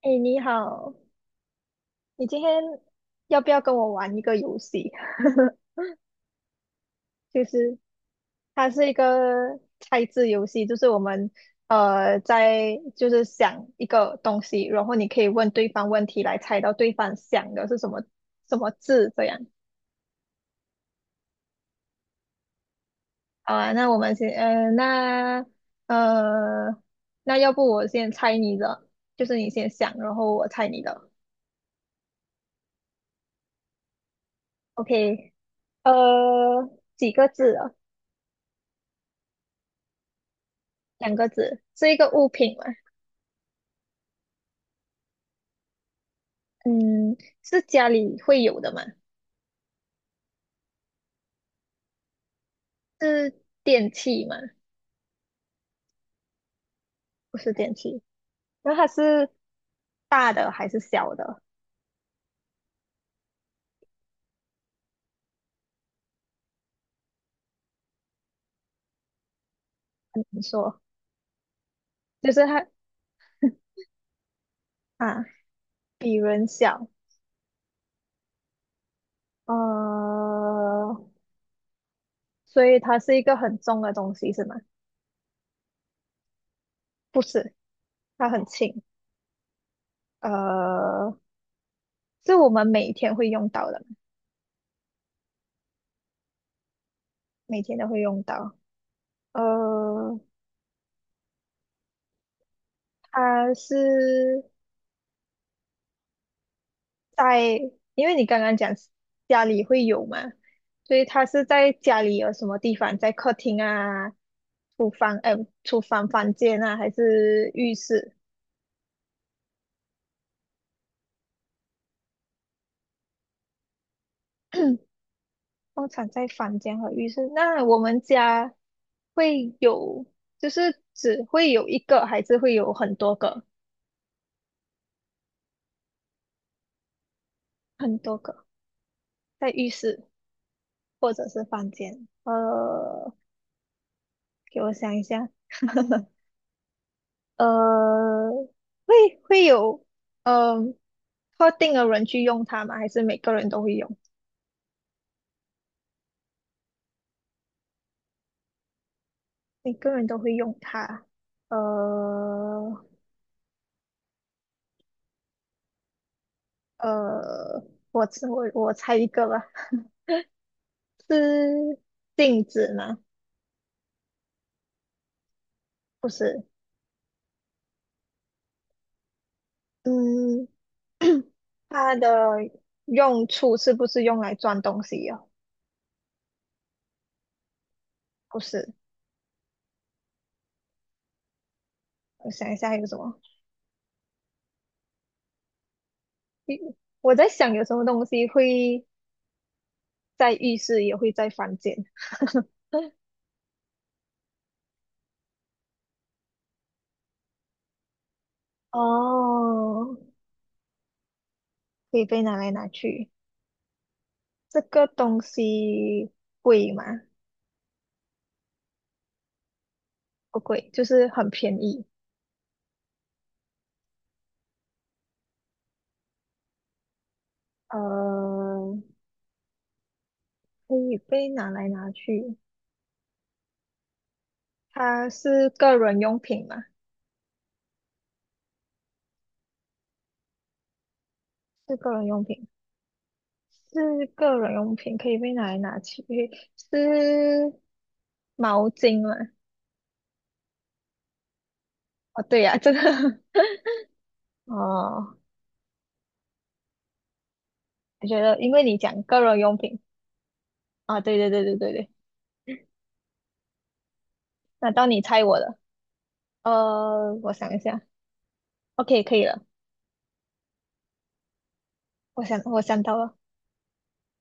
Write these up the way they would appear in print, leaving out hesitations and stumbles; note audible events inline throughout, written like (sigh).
哎，你好，你今天要不要跟我玩一个游戏？(laughs) 就是它是一个猜字游戏，就是我们呃在就是想一个东西，然后你可以问对方问题来猜到对方想的是什么字这样。好啊，那我们先呃那呃那要不我先猜你的，就是你先想，然后我猜你的。OK，呃，几个字啊？两个字，是一个物品吗？嗯，是家里会有的吗？是电器吗？不是电器，那它是大的还是小的？你说，就是它啊，比人小，呃，所以它是一个很重的东西是吗？不是，它很轻，呃，是我们每天会用到的，每天都会用到，呃，它是在，因为你刚刚讲家里会有嘛，所以他是在家里有什么地方，在客厅啊、厨房，哎，厨房房间啊，还是浴室？通常在房间和浴室。那我们家会有，就是只会有一个，还是会有很多个？很多个，在浴室或者是房间。给我想一下，(laughs) 呃，会会有。嗯，特定的人去用它吗？还是每个人都会用？每个人都会用它。呃呃，我猜我猜一个吧，是镜子吗？不是，嗯，(coughs) (clears throat) 它的用处是不是用来装东西呀、不是，我想一下还有什么？一我在想有什么东西会在浴室，也会在房间。(laughs) 哦，可以被拿来拿去。这个东西贵吗？不贵，就是很便宜。呃，可以被拿来拿去。它是个人用品吗？是个人用品，是个人用品，可以被拿来拿去。是毛巾吗？哦，对呀、这个 (laughs) 哦，我觉得因为你讲个人用品啊，对对对对对对，那到你猜我的，我想一下，OK，可以了，我想我想到了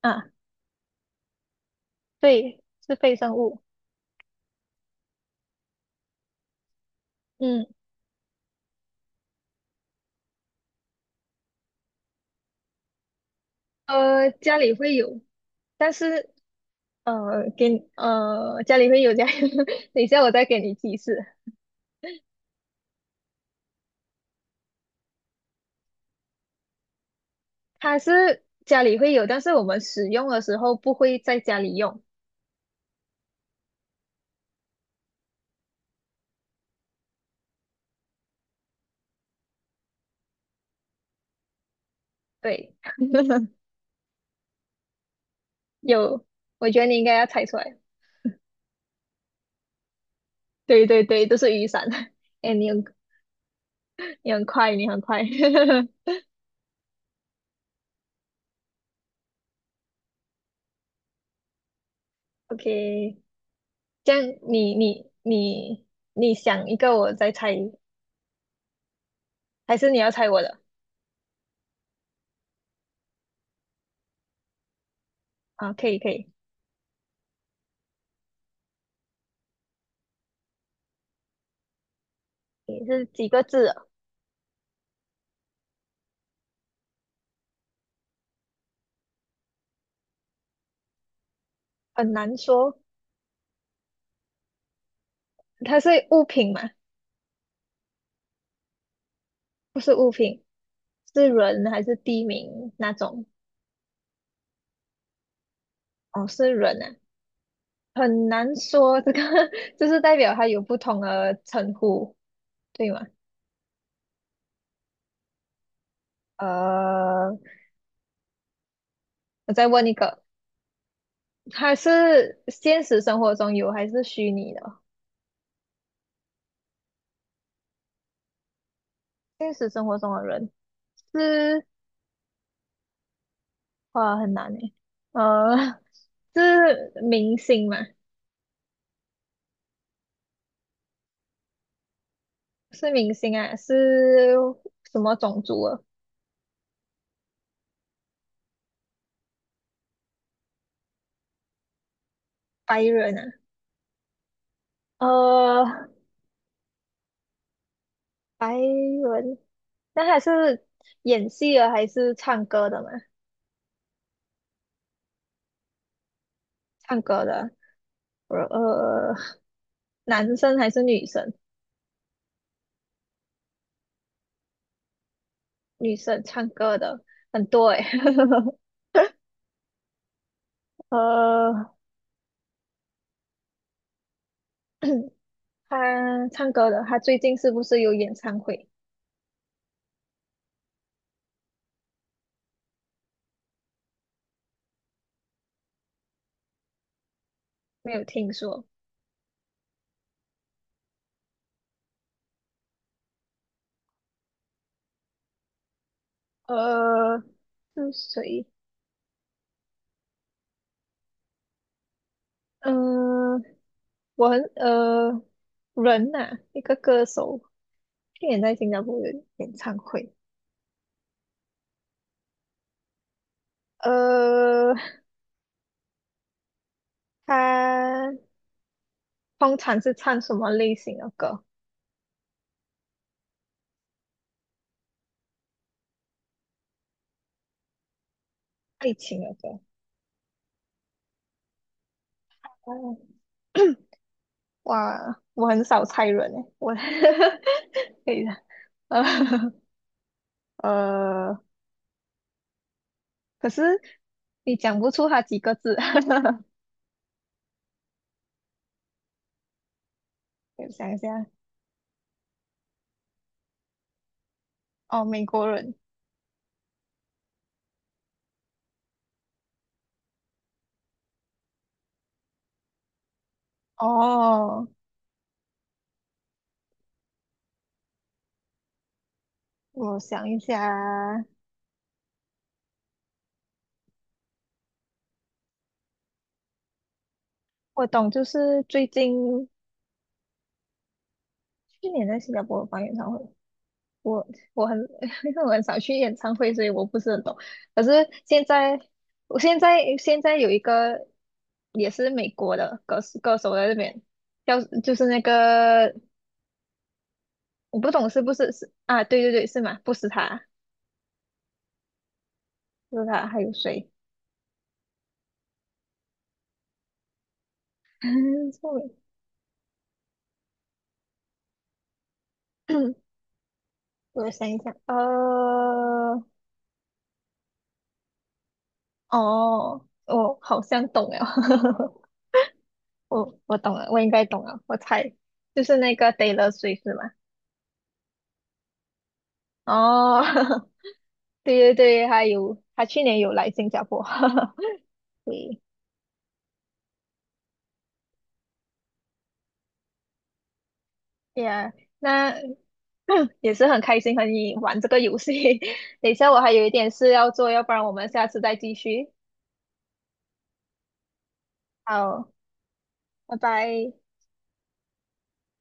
啊，对，是非生物。嗯。家里会有，但是给你家里会有家里，(laughs) 等一下我再给你提示，它是家里会有，但是我们使用的时候不会在家里用。对，(laughs) 有，我觉得你应该要猜出来。对对对，都是雨伞。(laughs) 哎，你很你很快，你很快。(laughs) OK，这样你你想一个，我再猜，还是你要猜我的？啊，可以可以，也是几个字啊很难说。它是物品嘛？不是物品，是人还是地名那种？哦，是人啊，很难说这个，(laughs) 就是代表它有不同的称呼，对吗？呃，我再问一个，它是现实生活中有还是虚拟的？现实生活中的人是，哇，很难诶。呃，(laughs) 是明星嘛？是明星啊，是什么种族啊？白人啊？呃，白文，那他是演戏的还是唱歌的嘛？唱歌的，呃，呃男生还是女生？女生唱歌的很多诶、(laughs) 呃，他唱歌的，他最近是不是有演唱会？没有听说。呃，是谁？呃，我很呃人呐、一个歌手，去年在新加坡有演唱会。呃，他。通常是唱什么类型的歌？爱情的歌。哦，(clears throat) 哇，我很少猜人诶，我 (laughs) 可以的。(laughs) 呃呃，可是你讲不出他几个字。(laughs) 我想一下，哦，美国人。哦，我想一下，我懂，就是最近去年在新加坡办演唱会，我我很 (laughs) 因为我很少去演唱会，所以我不是很懂。可是现在，我现在有一个也是美国的歌手在这边，叫就是那个我不懂是不是是啊？对对对，是吗？不是他，不是他，还有谁？(laughs) 错了，(clears throat) 我想一想，哦，我好像懂了，(laughs) 我懂了，我应该懂了，我猜就是那个 Taylor Swift 是吗？哦，(laughs) 对对对，还有他去年有来新加坡，(laughs) 对，Yeah。那 (laughs) 也是很开心和你玩这个游戏。(laughs) 等一下我还有一点事要做，要不然我们下次再继续。好，拜拜。